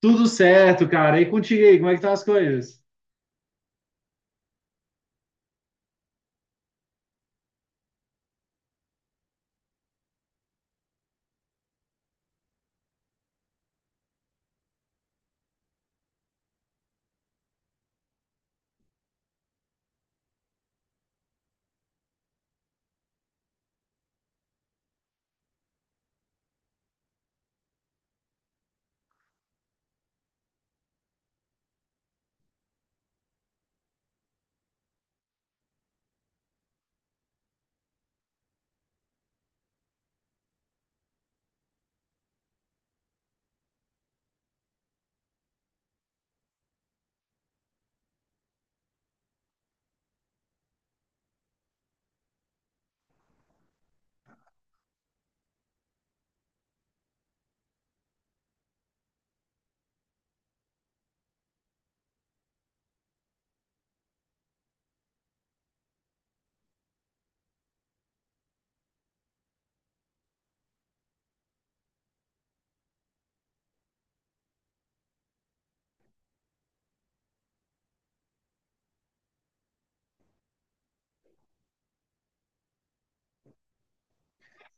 Tudo certo, cara. E contigo aí, como é que estão as coisas?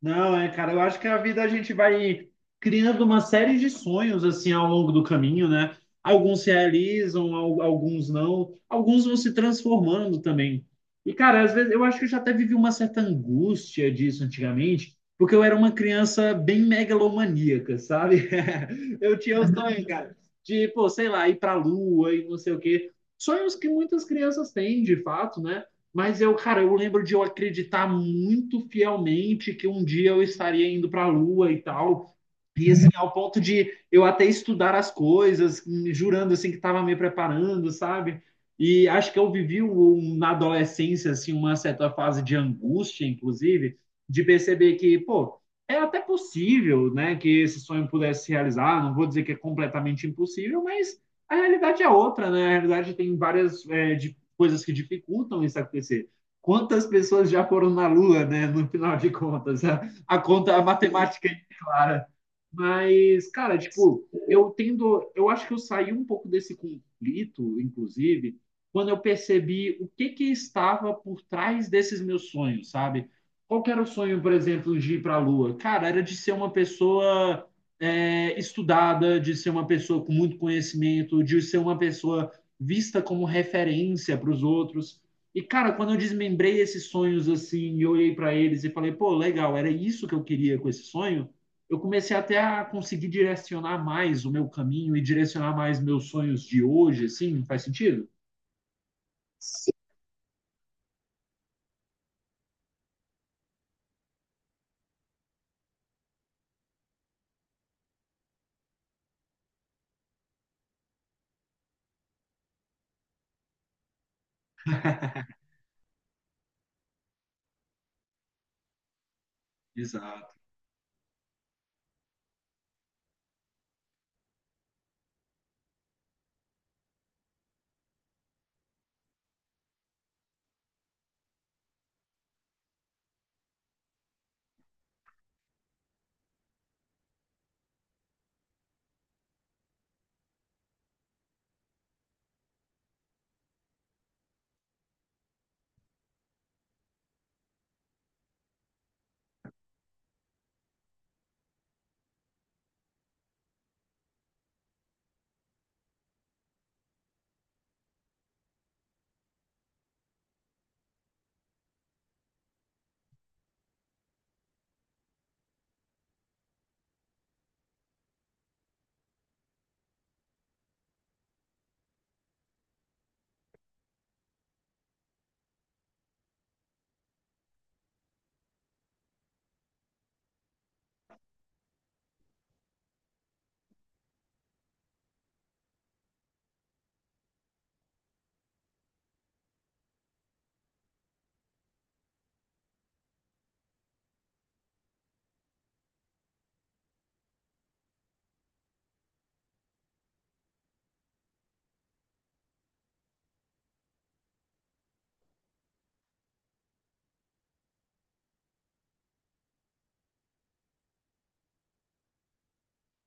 Não, é, cara, eu acho que a vida a gente vai criando uma série de sonhos assim ao longo do caminho, né? Alguns se realizam, alguns não, alguns vão se transformando também. E, cara, às vezes eu acho que eu já até vivi uma certa angústia disso antigamente, porque eu era uma criança bem megalomaníaca, sabe? Eu tinha os sonhos, cara, de, pô, sei lá, ir pra lua e não sei o quê. Sonhos que muitas crianças têm, de fato, né? Mas eu, cara, eu lembro de eu acreditar muito fielmente que um dia eu estaria indo para a Lua e tal. E assim, ao ponto de eu até estudar as coisas, jurando assim que estava me preparando, sabe? E acho que eu vivi na adolescência assim uma certa fase de angústia, inclusive, de perceber que, pô, é até possível, né, que esse sonho pudesse se realizar. Não vou dizer que é completamente impossível, mas a realidade é outra, né? A realidade tem várias coisas que dificultam isso acontecer. Quantas pessoas já foram na Lua, né? No final de contas, a conta, a matemática é clara. Mas, cara, tipo, eu acho que eu saí um pouco desse conflito, inclusive, quando eu percebi o que que estava por trás desses meus sonhos, sabe? Qual que era o sonho, por exemplo, de ir para a Lua? Cara, era de ser uma pessoa estudada, de ser uma pessoa com muito conhecimento, de ser uma pessoa vista como referência para os outros. E, cara, quando eu desmembrei esses sonhos assim, e olhei para eles e falei, pô, legal, era isso que eu queria com esse sonho, eu comecei até a conseguir direcionar mais o meu caminho e direcionar mais meus sonhos de hoje, assim, faz sentido? Sim. Exato.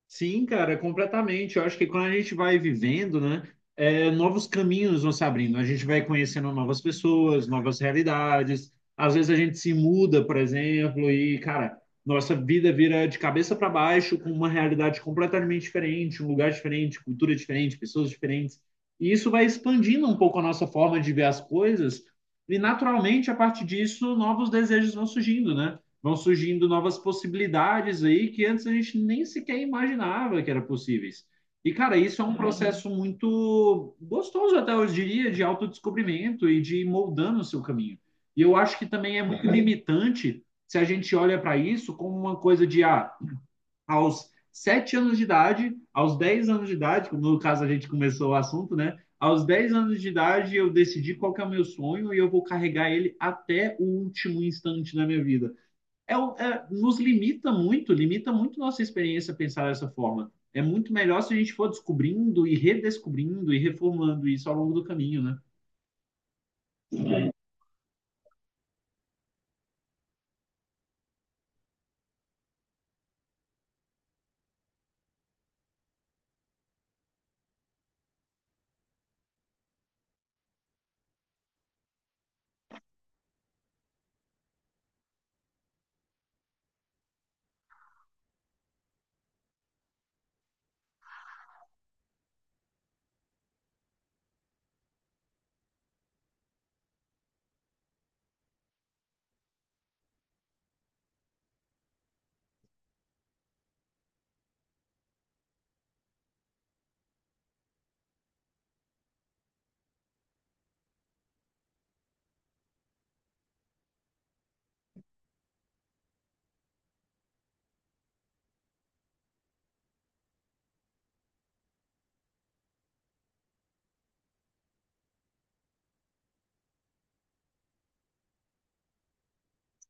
Sim, cara, completamente. Eu acho que quando a gente vai vivendo, né, novos caminhos vão se abrindo. A gente vai conhecendo novas pessoas, novas realidades. Às vezes a gente se muda, por exemplo, e, cara, nossa vida vira de cabeça para baixo com uma realidade completamente diferente, um lugar diferente, cultura diferente, pessoas diferentes. E isso vai expandindo um pouco a nossa forma de ver as coisas. E, naturalmente, a partir disso, novos desejos vão surgindo, né? Vão surgindo novas possibilidades aí que antes a gente nem sequer imaginava que eram possíveis. E, cara, isso é um processo muito gostoso, até eu diria, de autodescobrimento e de ir moldando o seu caminho. E eu acho que também é muito limitante se a gente olha para isso como uma coisa de ah, aos sete anos de idade, aos 10 anos de idade, como no caso a gente começou o assunto, né? Aos 10 anos de idade eu decidi qual que é o meu sonho e eu vou carregar ele até o último instante da minha vida, nos limita muito nossa experiência pensar dessa forma. É muito melhor se a gente for descobrindo e redescobrindo e reformulando isso ao longo do caminho, né?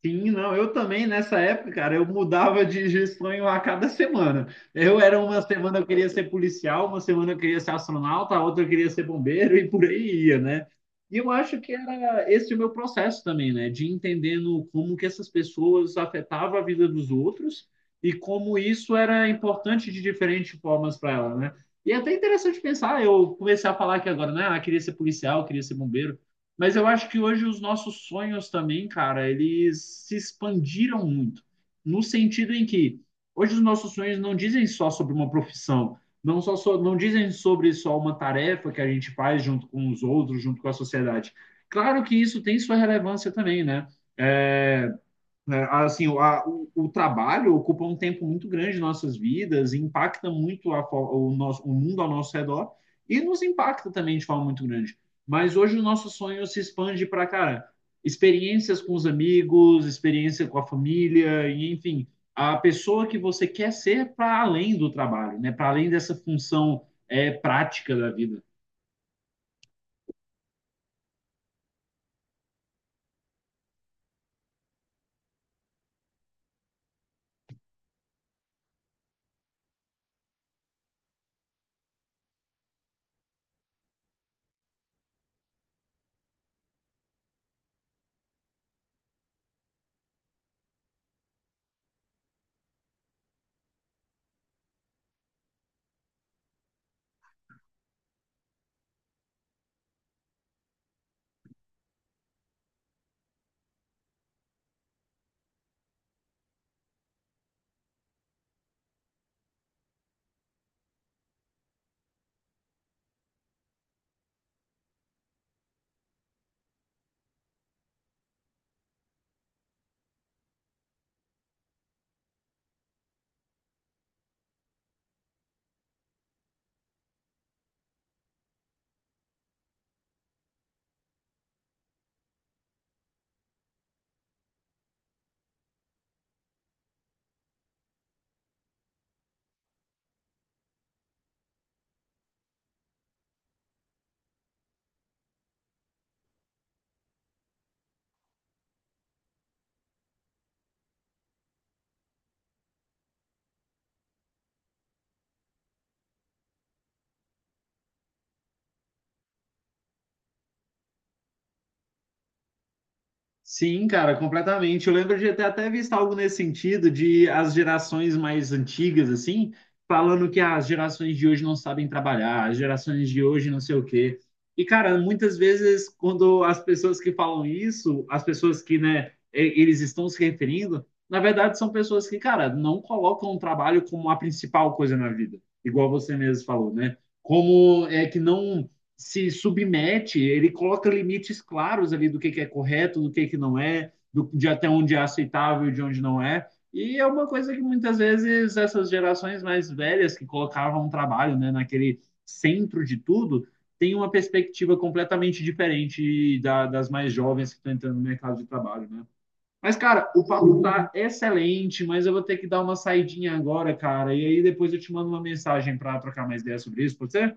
Sim, não, eu também nessa época, cara, eu mudava de sonho a cada semana. Eu era uma semana eu queria ser policial, uma semana eu queria ser astronauta, a outra eu queria ser bombeiro e por aí ia, né? E eu acho que era esse o meu processo também, né? De entendendo como que essas pessoas afetavam a vida dos outros e como isso era importante de diferentes formas para ela, né? E é até interessante pensar, eu comecei a falar aqui agora, né? Ah, queria ser policial, queria ser bombeiro. Mas eu acho que hoje os nossos sonhos também, cara, eles se expandiram muito. No sentido em que hoje os nossos sonhos não dizem só sobre uma profissão, não dizem sobre só uma tarefa que a gente faz junto com os outros, junto com a sociedade. Claro que isso tem sua relevância também, né? É, né? Assim, o trabalho ocupa um tempo muito grande de nossas vidas, impacta muito a o nosso, o mundo ao nosso redor e nos impacta também de forma muito grande. Mas hoje o nosso sonho se expande para, cara, experiências com os amigos, experiência com a família, e enfim, a pessoa que você quer ser para além do trabalho, né? Para além dessa função prática da vida. Sim, cara, completamente. Eu lembro de ter até visto algo nesse sentido, de as gerações mais antigas, assim, falando que as gerações de hoje não sabem trabalhar, as gerações de hoje não sei o quê. E, cara, muitas vezes, quando as pessoas que falam isso, as pessoas que, né, eles estão se referindo, na verdade, são pessoas que, cara, não colocam o trabalho como a principal coisa na vida, igual você mesmo falou, né? Como é que não se submete, ele coloca limites claros ali do que é correto, do que não é, do, de até onde é aceitável e de onde não é. E é uma coisa que muitas vezes essas gerações mais velhas que colocavam o trabalho, né, naquele centro de tudo, tem uma perspectiva completamente diferente da, das mais jovens que estão entrando no mercado de trabalho, né? Mas, cara, o papo tá excelente, mas eu vou ter que dar uma saidinha agora, cara. E aí depois eu te mando uma mensagem para trocar mais ideias sobre isso, pode ser?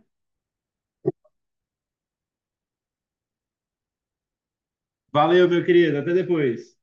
Valeu, meu querido. Até depois.